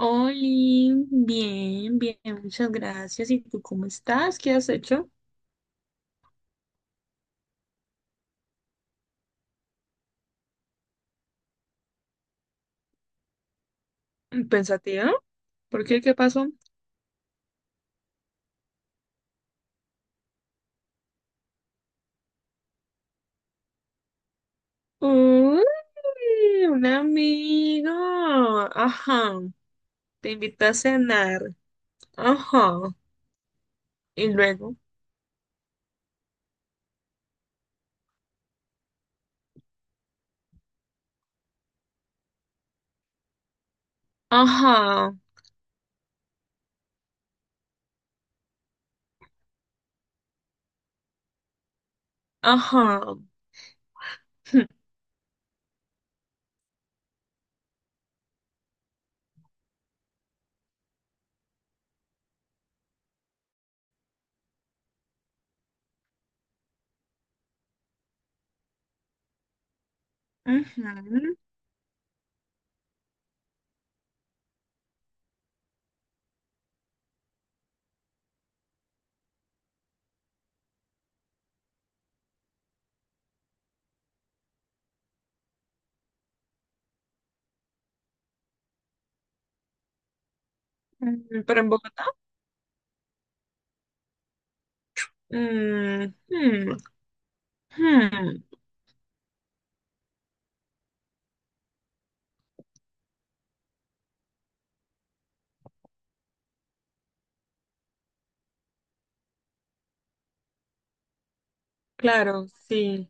Oli, bien, bien, muchas gracias. ¿Y tú cómo estás? ¿Qué has hecho? Pensativa. ¿Por qué? ¿Qué pasó? Uy, un amigo. Ajá. Te invitó a cenar. Ajá. Y luego. Ajá. Ajá. Ujú. Pero en Bogotá. Mm, hmm, hmm. Claro, sí.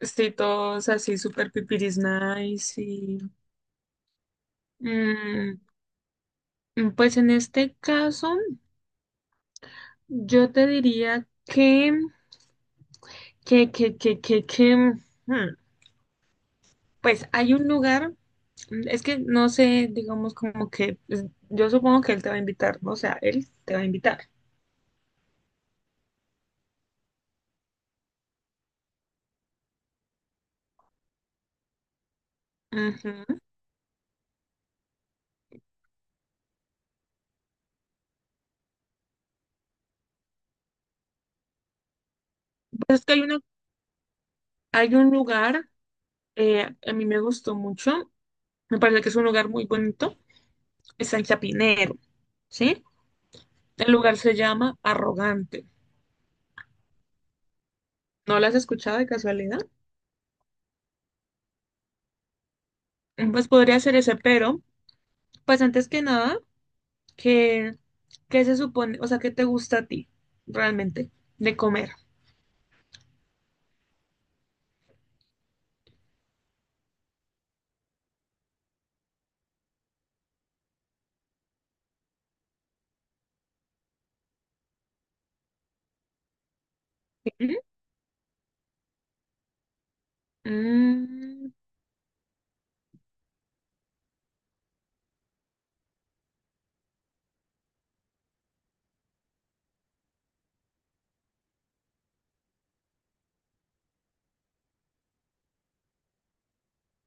Sí, todos así, súper pipiris nice y. Pues en este caso, yo te diría que, mm, pues hay un lugar, es que no sé, digamos como que, pues, yo supongo que él te va a invitar, ¿no? O sea, él te va a invitar. Ujú. Pues es que hay un lugar, a mí me gustó mucho, me parece que es un lugar muy bonito, es en Chapinero, ¿sí? El lugar se llama Arrogante. ¿No lo has escuchado de casualidad? Pues podría ser ese, pero pues antes que nada. ¿Qué, qué se supone? O sea, ¿qué te gusta a ti realmente de comer? Ujú. Mm,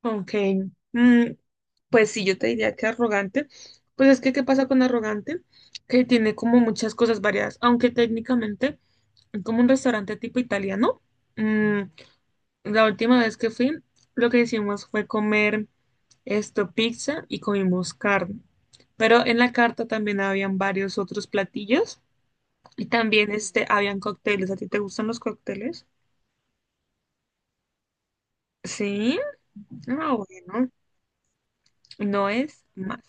ok. Mm, pues sí, yo te diría que arrogante. Pues es que, ¿qué pasa con arrogante? Que tiene como muchas cosas variadas, aunque técnicamente es como un restaurante tipo italiano. Mm, la última vez que fui, lo que hicimos fue comer esto, pizza y comimos carne. Pero en la carta también habían varios otros platillos. Y también este, habían cócteles. ¿A ti te gustan los cócteles? Sí. Ah, bueno. No es más.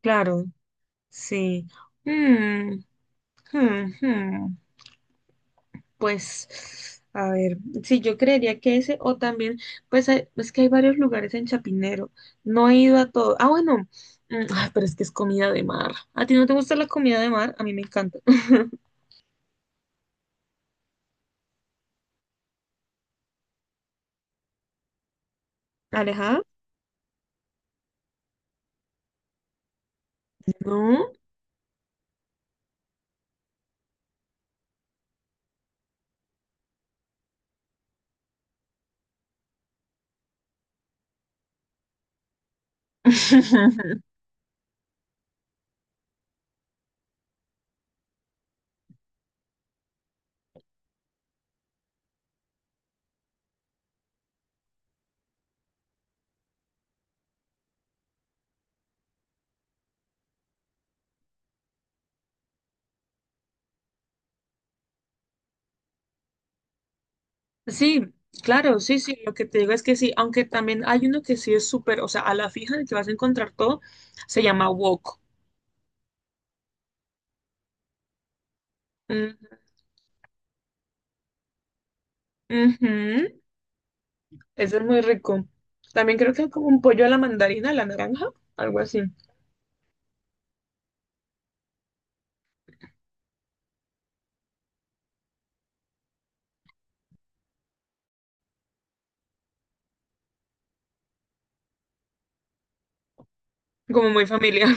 Claro, sí. Mm, hmm, hmm. Pues, a ver, sí, yo creería que ese, o también es que hay varios lugares en Chapinero. No he ido a todo. Ah, bueno. Ay, pero es que es comida de mar. ¿A ti no te gusta la comida de mar? A mí me encanta. ¿Alejada? No. Sí, claro, sí, sí, lo que te digo es que sí, aunque también hay uno que sí es súper, o sea, a la fija en el que vas a encontrar todo, se llama wok. Mm, ujú, ese es muy rico. También creo que es como un pollo a la mandarina, a la naranja, algo así, como muy familiar.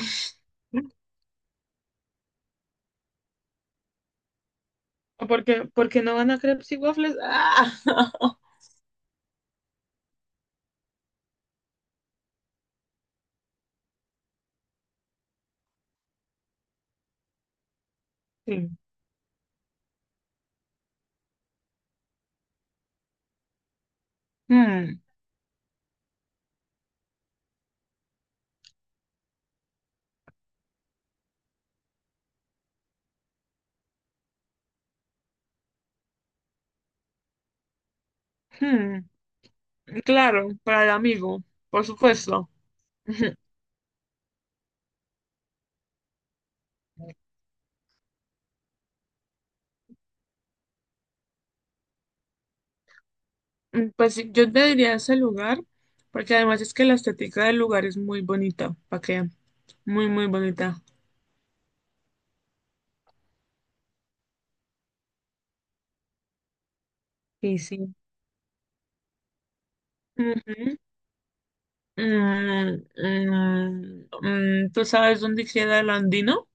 ¿Por qué no van a crepes y waffles? Ah, sí. Mm, mm, claro, para el amigo, por supuesto. Pues sí, yo te diría ese lugar, porque además es que la estética del lugar es muy bonita, ¿para qué? Muy, muy bonita. Sí, sí. Ujú. ¿Tú sabes dónde queda el Andino?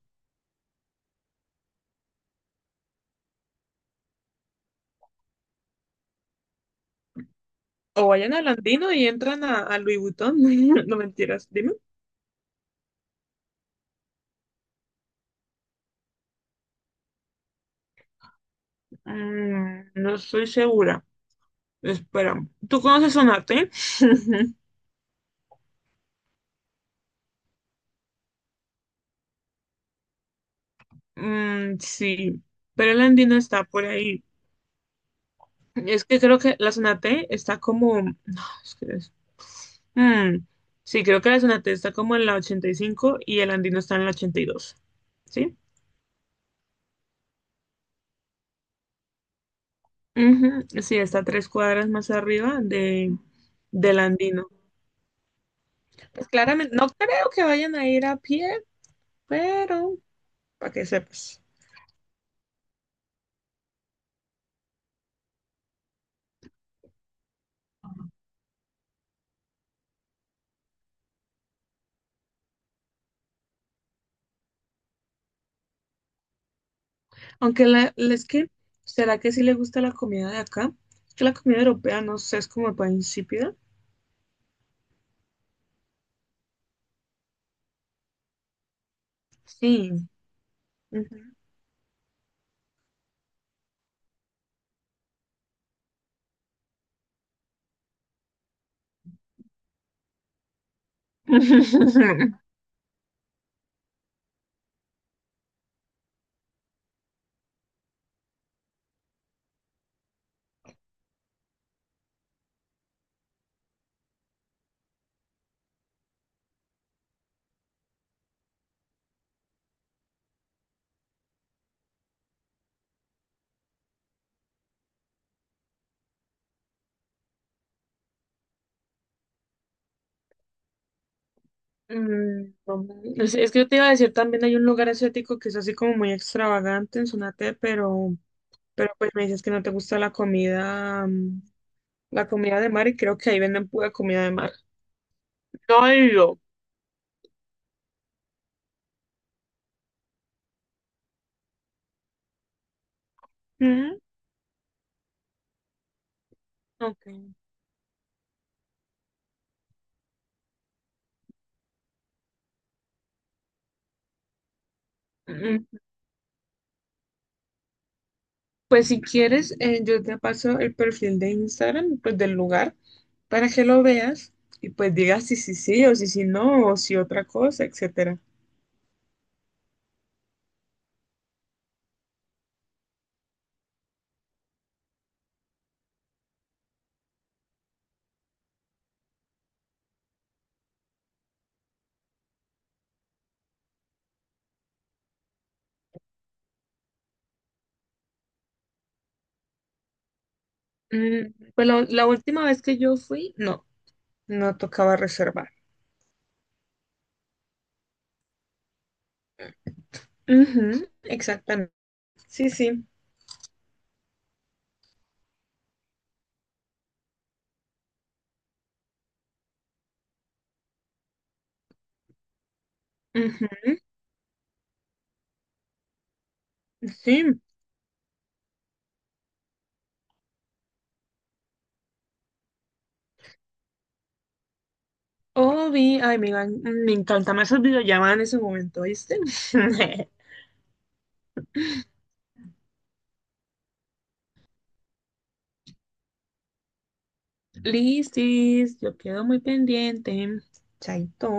O vayan al Andino y entran a Louis Vuitton. No mentiras, dime. No estoy segura. Espera, ¿tú conoces Sonate? Mm, sí, pero el Andino está por ahí. Es que creo que la Sonate está como, no, es que, mm, sí, creo que la Zonate está como en la 85 y el Andino está en la 82. ¿Sí? Ujú, sí, está 3 cuadras más arriba del Andino. Pues claramente, no creo que vayan a ir a pie, pero para que sepas. Aunque es que, ¿será que sí le gusta la comida de acá? Es que la comida europea, no sé, es como para insípida. Sí. Ujú. No es que yo te iba a decir, también hay un lugar asiático que es así como muy extravagante en Sonate, pero pues me dices que no te gusta la comida, la comida de mar, y creo que ahí venden pura comida de mar. No he ido. Mm, ok. Mm, Pues si quieres, yo te paso el perfil de Instagram, pues del lugar, para que lo veas y pues digas si sí sí o si sí no o si otra cosa, etcétera. Pues la última vez que yo fui, no, no tocaba reservar. Ujú, exactamente. Sí, sí. Ujú, sí. Oh, vi. Ay, me encanta más el videollamada en ese momento, ¿viste? Listis, yo quedo muy pendiente. Chaito.